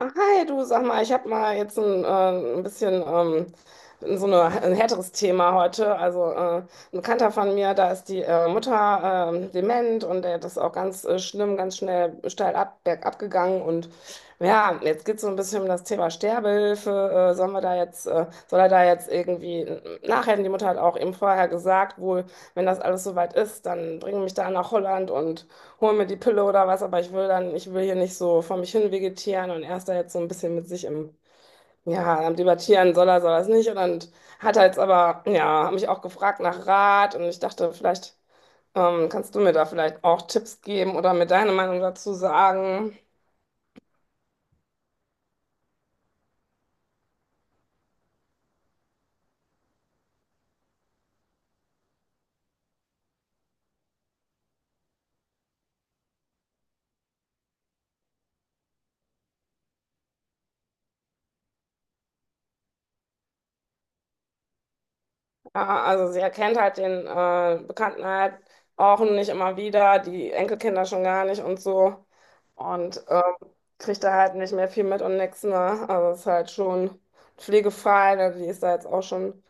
Hi, du, sag mal, ich habe mal jetzt ein bisschen so eine, ein härteres Thema heute. Also ein Bekannter von mir, da ist die Mutter dement und der ist auch ganz schlimm, ganz schnell steil ab, bergab gegangen. Und ja, jetzt geht es so ein bisschen um das Thema Sterbehilfe. Sollen wir da jetzt, soll er da jetzt irgendwie nachhelfen? Die Mutter hat auch eben vorher gesagt, wohl, wenn das alles soweit ist, dann bring mich da nach Holland und hol mir die Pille oder was, aber ich will dann, ich will hier nicht so vor mich hin vegetieren und er ist da jetzt so ein bisschen mit sich im, ja, am Debattieren, soll er es nicht. Und dann hat er jetzt aber, ja, hat mich auch gefragt nach Rat und ich dachte, vielleicht kannst du mir da vielleicht auch Tipps geben oder mir deine Meinung dazu sagen. Ja, also sie erkennt halt den Bekannten halt auch nicht immer wieder, die Enkelkinder schon gar nicht und so. Und kriegt da halt nicht mehr viel mit und nix, ne? Also ist halt schon pflegefrei, ne? Die ist da jetzt auch schon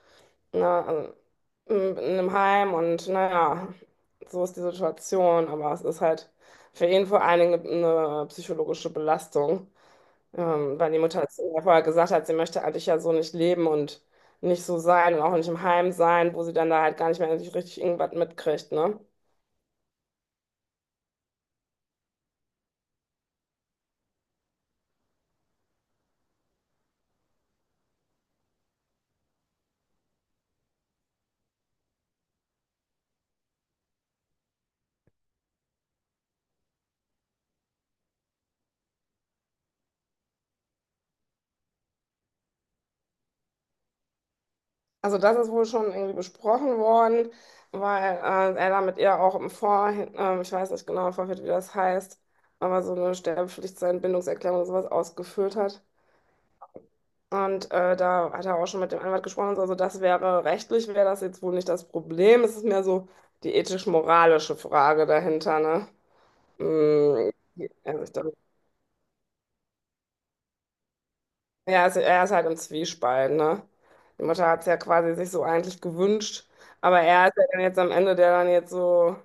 ne, also, in einem Heim und naja, so ist die Situation. Aber es ist halt für ihn vor allen Dingen eine psychologische Belastung. Weil die Mutter jetzt vorher gesagt hat, sie möchte eigentlich ja so nicht leben und nicht so sein und auch nicht im Heim sein, wo sie dann da halt gar nicht mehr richtig irgendwas mitkriegt, ne? Also das ist wohl schon irgendwie besprochen worden, weil er da mit ihr auch im ich weiß nicht genau im Vorfeld, wie das heißt, aber so eine Sterbepflicht, Bindungserklärung oder sowas ausgefüllt hat. Und da hat er auch schon mit dem Anwalt gesprochen, und so. Also das wäre rechtlich, wäre das jetzt wohl nicht das Problem. Es ist mehr so die ethisch-moralische Frage dahinter, ne? Mm, Also ich glaube, ja, er ist halt im Zwiespalt, ne? Die Mutter hat es ja quasi sich so eigentlich gewünscht, aber er ist ja dann jetzt am Ende, der dann jetzt so,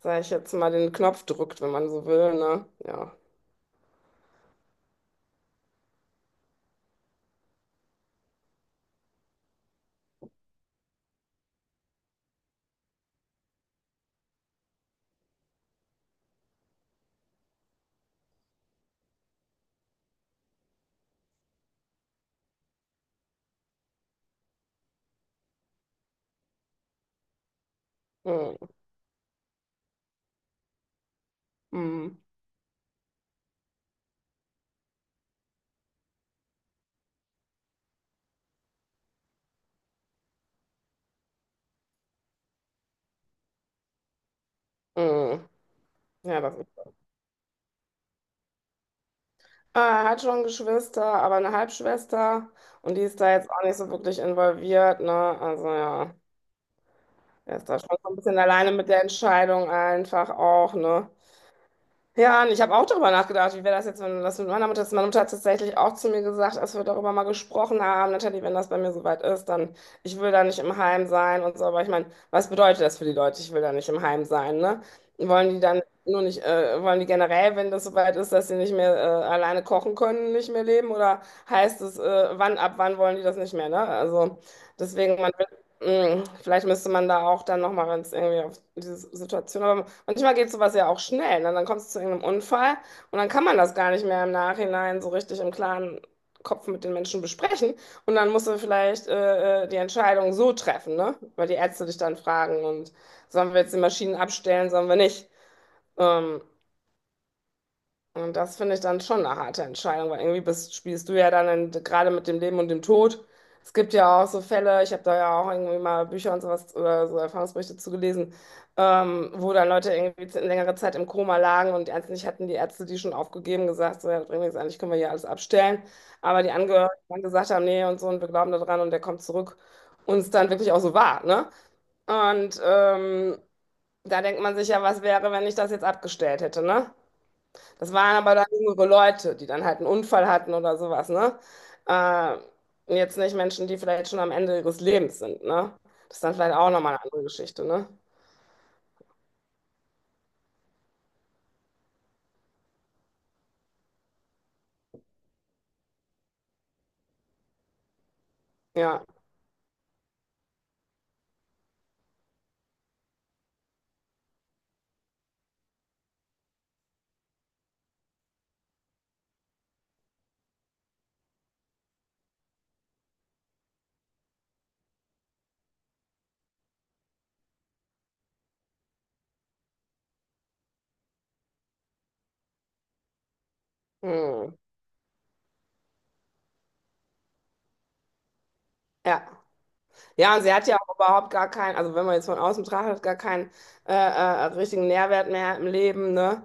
sag ich jetzt mal, den Knopf drückt, wenn man so will, ne? Ja. Mm, mm, mm. Ja, das ist. Ah, er hat schon Geschwister, aber eine Halbschwester und die ist da jetzt auch nicht so wirklich involviert, ne? Also ja, er ist da schon so ein bisschen alleine mit der Entscheidung einfach auch, ne? Ja, und ich habe auch darüber nachgedacht, wie wäre das jetzt, wenn das mit meiner Mutter ist. Meine Mutter hat tatsächlich auch zu mir gesagt, als wir darüber mal gesprochen haben, Natalie, wenn das bei mir soweit ist, dann ich will da nicht im Heim sein und so. Aber ich meine, was bedeutet das für die Leute? Ich will da nicht im Heim sein, ne? Wollen die dann nur nicht, wollen die generell, wenn das soweit ist, dass sie nicht mehr alleine kochen können, nicht mehr leben? Oder heißt es, wann, ab wann wollen die das nicht mehr, ne? Also deswegen, man vielleicht müsste man da auch dann nochmal ganz irgendwie auf diese Situation. Aber manchmal geht sowas ja auch schnell. Ne? Dann kommt es zu irgendeinem Unfall und dann kann man das gar nicht mehr im Nachhinein so richtig im klaren Kopf mit den Menschen besprechen. Und dann musst du vielleicht die Entscheidung so treffen, ne? Weil die Ärzte dich dann fragen und sollen wir jetzt die Maschinen abstellen, sollen wir nicht. Ähm, und das finde ich dann schon eine harte Entscheidung, weil irgendwie bist, spielst du ja dann in, gerade mit dem Leben und dem Tod. Es gibt ja auch so Fälle, ich habe da ja auch irgendwie mal Bücher und sowas oder so Erfahrungsberichte zugelesen, wo dann Leute irgendwie längere Zeit im Koma lagen und ernstlich hatten die Ärzte die schon aufgegeben, gesagt, so, ja, das bringt nichts, eigentlich können wir hier alles abstellen. Aber die Angehörigen dann gesagt haben, nee und so und wir glauben da dran und der kommt zurück und es dann wirklich auch so war, ne? Und da denkt man sich ja, was wäre, wenn ich das jetzt abgestellt hätte, ne? Das waren aber dann jüngere Leute, die dann halt einen Unfall hatten oder sowas, ne? Äh, jetzt nicht Menschen, die vielleicht schon am Ende ihres Lebens sind, ne? Das ist dann vielleicht auch nochmal eine andere Geschichte, ne? Ja. Hm. Ja. Ja, und sie hat ja auch überhaupt gar keinen, also wenn man jetzt von außen betrachtet, gar keinen richtigen Nährwert mehr im Leben, ne?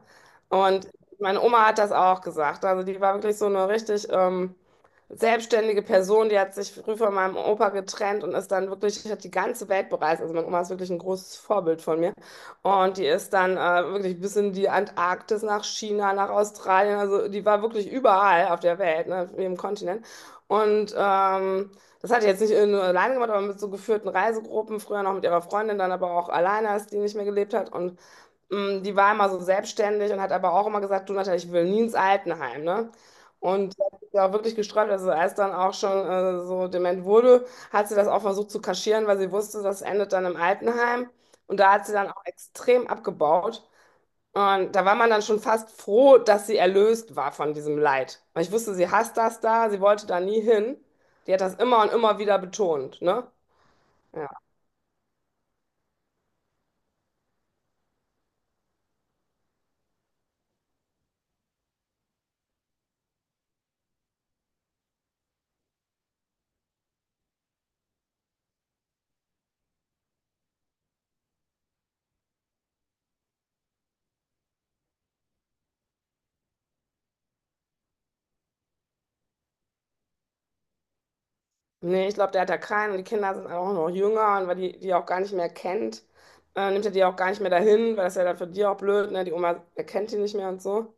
Und meine Oma hat das auch gesagt. Also die war wirklich so eine richtig selbstständige Person, die hat sich früh von meinem Opa getrennt und ist dann wirklich, hat die ganze Welt bereist. Also meine Oma ist wirklich ein großes Vorbild von mir. Und die ist dann wirklich bis in die Antarktis, nach China, nach Australien. Also die war wirklich überall auf der Welt, ne? Auf jedem Kontinent. Und das hat die jetzt nicht nur alleine gemacht, aber mit so geführten Reisegruppen, früher noch mit ihrer Freundin, dann aber auch alleine, als die nicht mehr gelebt hat. Und mh, die war immer so selbstständig und hat aber auch immer gesagt, du Natalia, ich will nie ins Altenheim, ne? Und das ist ja auch wirklich gesträubt, also als dann auch schon so dement wurde, hat sie das auch versucht zu kaschieren, weil sie wusste, das endet dann im Altenheim. Und da hat sie dann auch extrem abgebaut. Und da war man dann schon fast froh, dass sie erlöst war von diesem Leid. Weil ich wusste, sie hasst das da, sie wollte da nie hin. Die hat das immer und immer wieder betont, ne? Ja. Nee, ich glaube, der hat da keinen und die Kinder sind auch noch jünger und weil die die auch gar nicht mehr kennt, nimmt er die auch gar nicht mehr dahin, weil das ist ja dann für die auch blöd, ne? Die Oma erkennt die nicht mehr und so.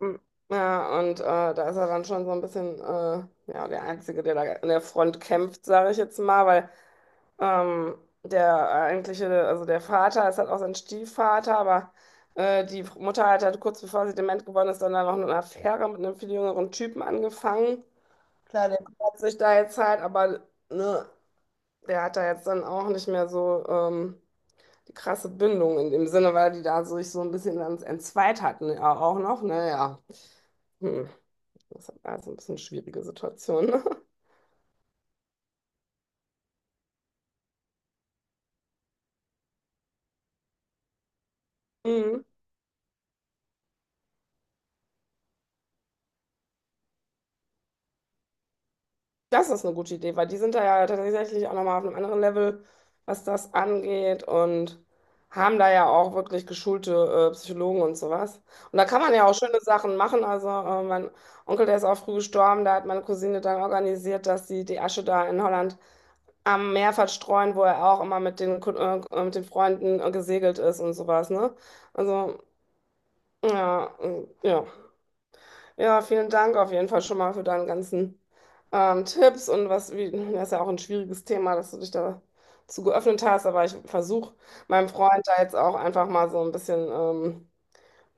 Hm. Ja, und da ist er dann schon so ein bisschen ja, der Einzige, der da an der Front kämpft, sage ich jetzt mal, weil Ähm, der eigentliche, also der Vater ist halt auch sein Stiefvater, aber die Mutter hat halt kurz bevor sie dement geworden ist, dann da noch eine Affäre mit einem viel jüngeren Typen angefangen. Klar, der, hat sich da jetzt halt, aber ne, der hat da jetzt dann auch nicht mehr so die krasse Bindung in dem Sinne, weil die da sich so ein bisschen ans entzweit hatten, ja, auch noch, naja. Hm. Das ist halt alles ein bisschen schwierige Situation. Ne? Das ist eine gute Idee, weil die sind da ja tatsächlich auch nochmal auf einem anderen Level, was das angeht und haben da ja auch wirklich geschulte Psychologen und sowas. Und da kann man ja auch schöne Sachen machen. Also mein Onkel, der ist auch früh gestorben, da hat meine Cousine dann organisiert, dass sie die Asche da in Holland am Meer verstreuen, wo er auch immer mit den, mit den Freunden gesegelt ist und sowas, ne? Also, ja, ja. Ja, vielen Dank auf jeden Fall schon mal für deine ganzen Tipps und was, wie, das ist ja auch ein schwieriges Thema, dass du dich dazu geöffnet hast, aber ich versuche meinem Freund da jetzt auch einfach mal so ein bisschen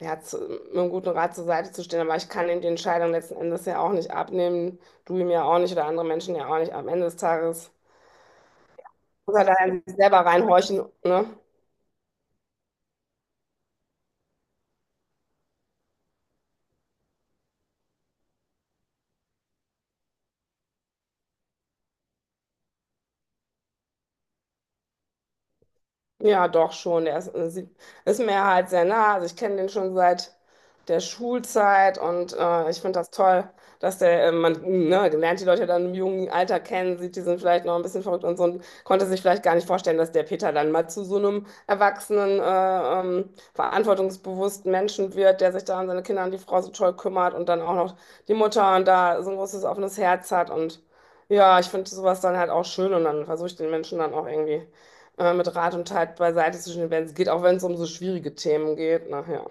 ja, zu, mit einem guten Rat zur Seite zu stehen, aber ich kann ihm die Entscheidung letzten Endes ja auch nicht abnehmen, du ihm ja auch nicht oder andere Menschen ja auch nicht. Am Ende des Tages muss er da in sich selber reinhorchen, ne? Ja, doch schon. Er ist, sie- ist mir halt sehr nah. Also ich kenne den schon seit der Schulzeit und ich finde das toll, dass der, man ne, lernt die Leute dann im jungen Alter kennen, sieht, die sind vielleicht noch ein bisschen verrückt und so und konnte sich vielleicht gar nicht vorstellen, dass der Peter dann mal zu so einem erwachsenen, verantwortungsbewussten Menschen wird, der sich da um seine Kinder und die Frau so toll kümmert und dann auch noch die Mutter und da so ein großes offenes Herz hat und ja, ich finde sowas dann halt auch schön und dann versuche ich den Menschen dann auch irgendwie mit Rat und Tat beiseite zu stehen, wenn es geht, auch wenn es um so schwierige Themen geht nachher.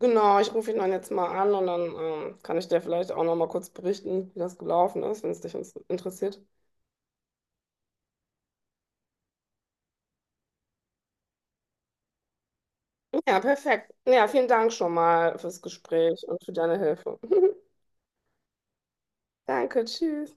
Genau, ich rufe ihn dann jetzt mal an und dann kann ich dir vielleicht auch noch mal kurz berichten, wie das gelaufen ist, wenn es dich interessiert. Ja, perfekt. Ja, vielen Dank schon mal fürs Gespräch und für deine Hilfe. Danke, tschüss.